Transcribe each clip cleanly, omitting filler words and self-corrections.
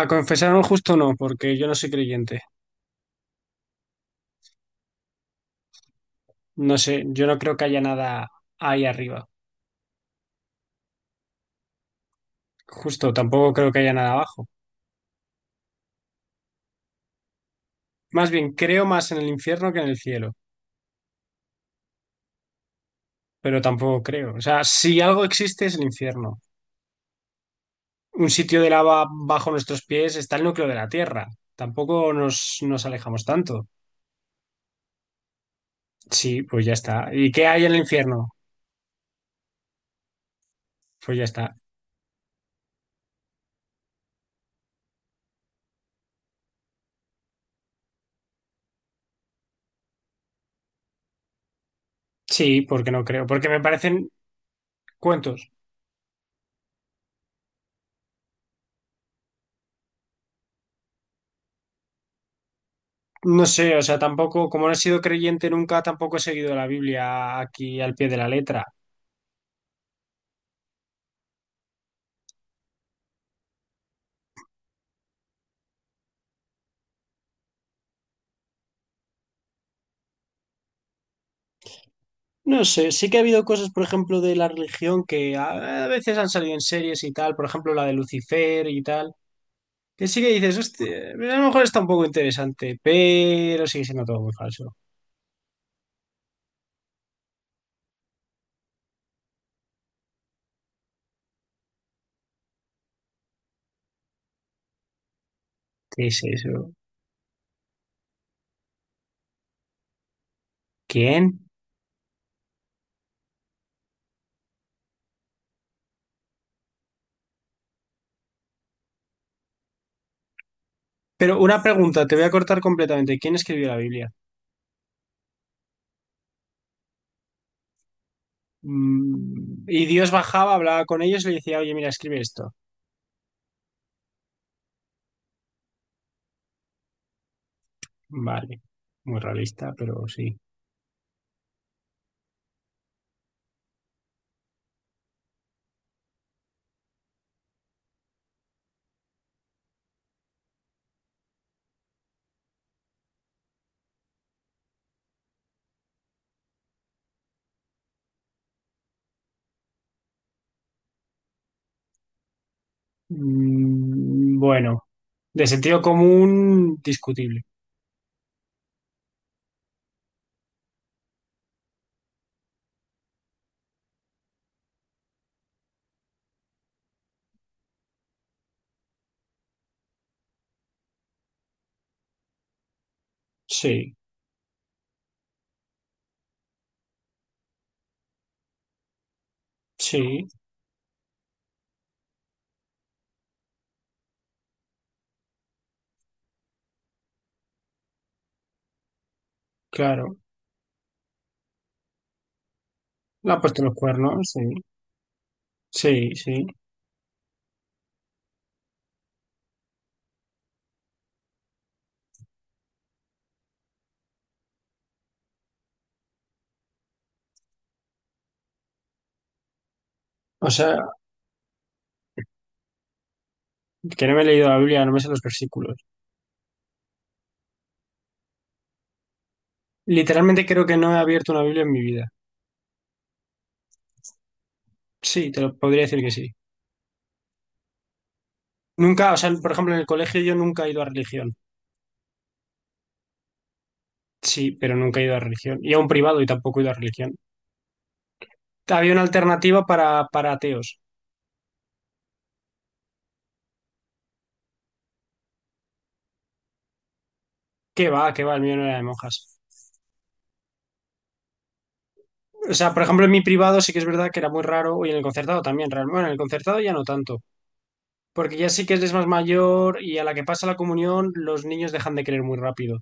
A confesar un justo no, porque yo no soy creyente. No sé, yo no creo que haya nada ahí arriba. Justo, tampoco creo que haya nada abajo. Más bien, creo más en el infierno que en el cielo, pero tampoco creo. O sea, si algo existe es el infierno. Un sitio de lava bajo nuestros pies está el núcleo de la Tierra. Tampoco nos alejamos tanto. Sí, pues ya está. ¿Y qué hay en el infierno? Pues ya está. Sí, porque no creo, porque me parecen cuentos. No sé, o sea, tampoco, como no he sido creyente nunca, tampoco he seguido la Biblia aquí al pie de la letra. No sé, sí que ha habido cosas, por ejemplo, de la religión que a veces han salido en series y tal, por ejemplo, la de Lucifer y tal, que sí que dices, hostia, a lo mejor está un poco interesante, pero sigue siendo todo muy falso. ¿Qué es eso? ¿Quién? Pero una pregunta, te voy a cortar completamente. ¿Quién escribió la Biblia? Y Dios bajaba, hablaba con ellos y le decía, oye, mira, escribe esto. Vale, muy realista, pero sí. Bueno, de sentido común, discutible. Sí, sí, claro. Le ha puesto los cuernos, sí, sí, sí. O sea, que no me he leído la Biblia, no me sé los versículos. Literalmente creo que no he abierto una Biblia en mi vida. Sí, te lo podría decir que sí. Nunca, o sea, por ejemplo, en el colegio yo nunca he ido a religión. Sí, pero nunca he ido a religión. Y a un privado y tampoco he ido a religión. Había una alternativa para ateos. ¿Qué va? ¿Qué va? El mío no era de monjas. O sea, por ejemplo, en mi privado sí que es verdad que era muy raro, y en el concertado también, realmente. Bueno, en el concertado ya no tanto, porque ya sí que eres más mayor y a la que pasa la comunión, los niños dejan de creer muy rápido.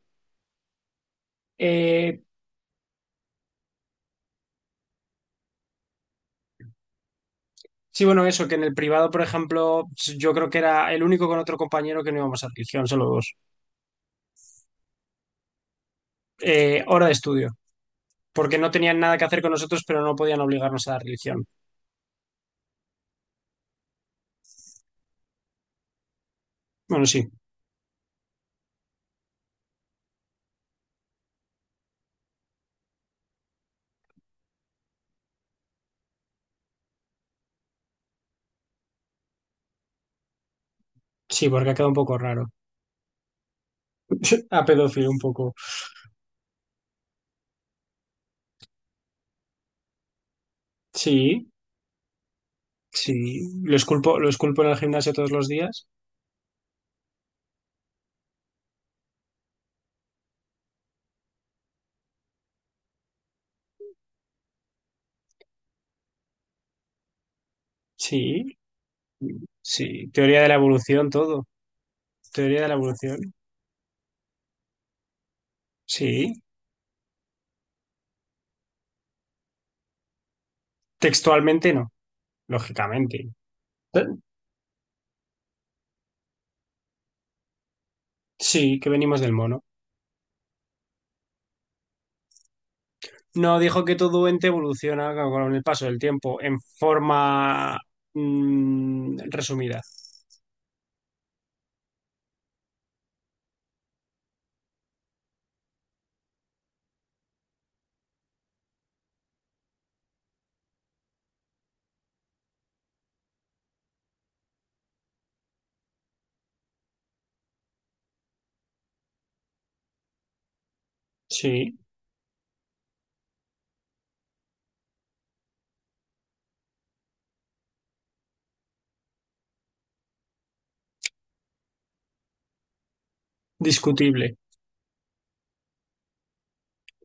Eh, sí, bueno, eso, que en el privado, por ejemplo, yo creo que era el único con otro compañero que no íbamos a religión, solo dos. Hora de estudio, porque no tenían nada que hacer con nosotros, pero no podían obligarnos a la religión. Bueno, sí, sí, porque ha quedado un poco raro. A pedófilo un poco. Sí, sí, lo esculpo en el gimnasio todos los días. Sí, sí, teoría de la evolución, todo. Teoría de la evolución. Sí, textualmente no, lógicamente. Eh, Sí, que venimos del mono. No, dijo que todo ente evoluciona con el paso del tiempo en forma resumida. Sí, discutible.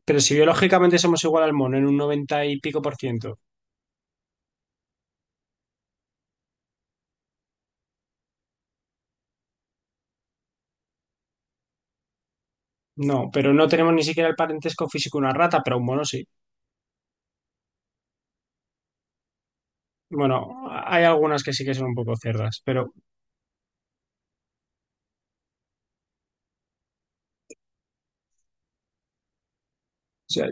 Pero si biológicamente somos igual al mono en un noventa y pico por ciento. No, pero no tenemos ni siquiera el parentesco físico de una rata, pero un mono sí. Bueno, hay algunas que sí que son un poco cerdas, pero o sea.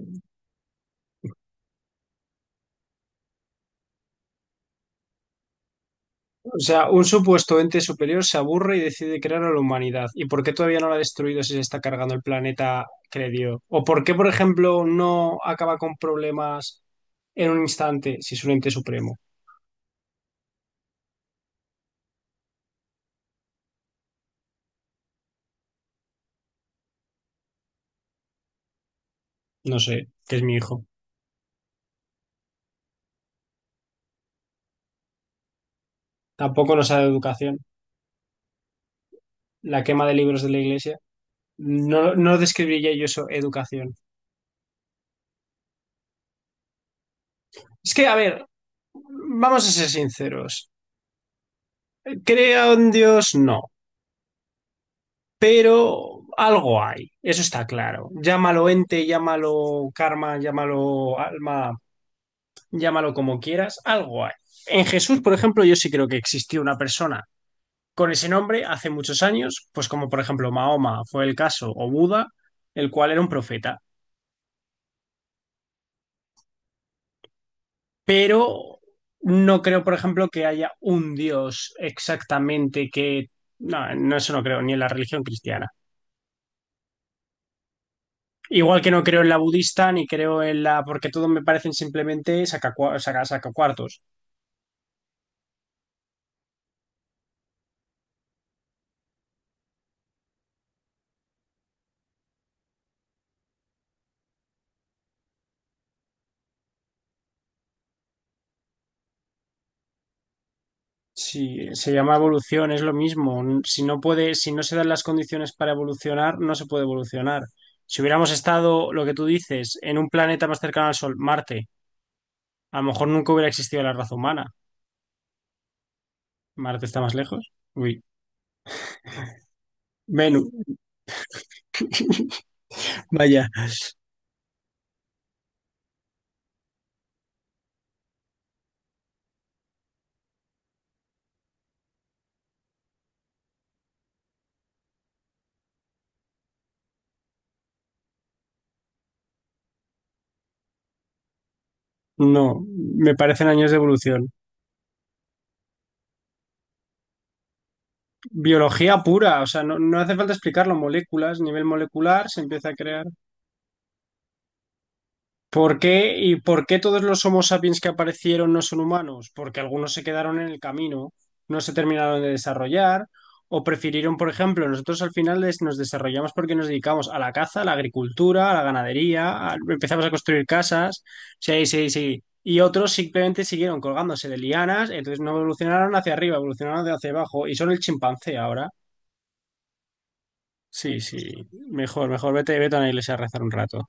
O sea, un supuesto ente superior se aburre y decide crear a la humanidad. ¿Y por qué todavía no la ha destruido si se está cargando el planeta que le dio? ¿O por qué, por ejemplo, no acaba con problemas en un instante si es un ente supremo? No sé, que es mi hijo. Tampoco nos ha dado educación. La quema de libros de la iglesia. No, no describiría yo eso, educación. Es que, a ver, vamos a ser sinceros. ¿Crea un Dios? No. Pero algo hay, eso está claro. Llámalo ente, llámalo karma, llámalo alma, llámalo como quieras, algo hay. En Jesús, por ejemplo, yo sí creo que existió una persona con ese nombre hace muchos años, pues como por ejemplo Mahoma fue el caso, o Buda, el cual era un profeta. Pero no creo, por ejemplo, que haya un Dios exactamente que... No, no, eso no creo, ni en la religión cristiana. Igual que no creo en la budista ni creo en la... porque todo me parecen simplemente sacacuartos. Sacacuartos. Si se llama evolución, es lo mismo. Si no puede, si no se dan las condiciones para evolucionar, no se puede evolucionar. Si hubiéramos estado, lo que tú dices, en un planeta más cercano al Sol, Marte, a lo mejor nunca hubiera existido la raza humana. Marte está más lejos. Uy, Venus, vaya. No, me parecen años de evolución. Biología pura, o sea, no, no hace falta explicarlo. Moléculas, nivel molecular, se empieza a crear. ¿Por qué? ¿Y por qué todos los Homo sapiens que aparecieron no son humanos? Porque algunos se quedaron en el camino, no se terminaron de desarrollar, o prefirieron, por ejemplo, nosotros al final nos desarrollamos porque nos dedicamos a la caza, a la agricultura, a la ganadería, empezamos a construir casas, sí, sí, sí. Y otros simplemente siguieron colgándose de lianas, entonces no evolucionaron hacia arriba, evolucionaron de hacia abajo, y son el chimpancé ahora. Sí, sí, mejor, mejor, vete, vete a la iglesia a rezar un rato.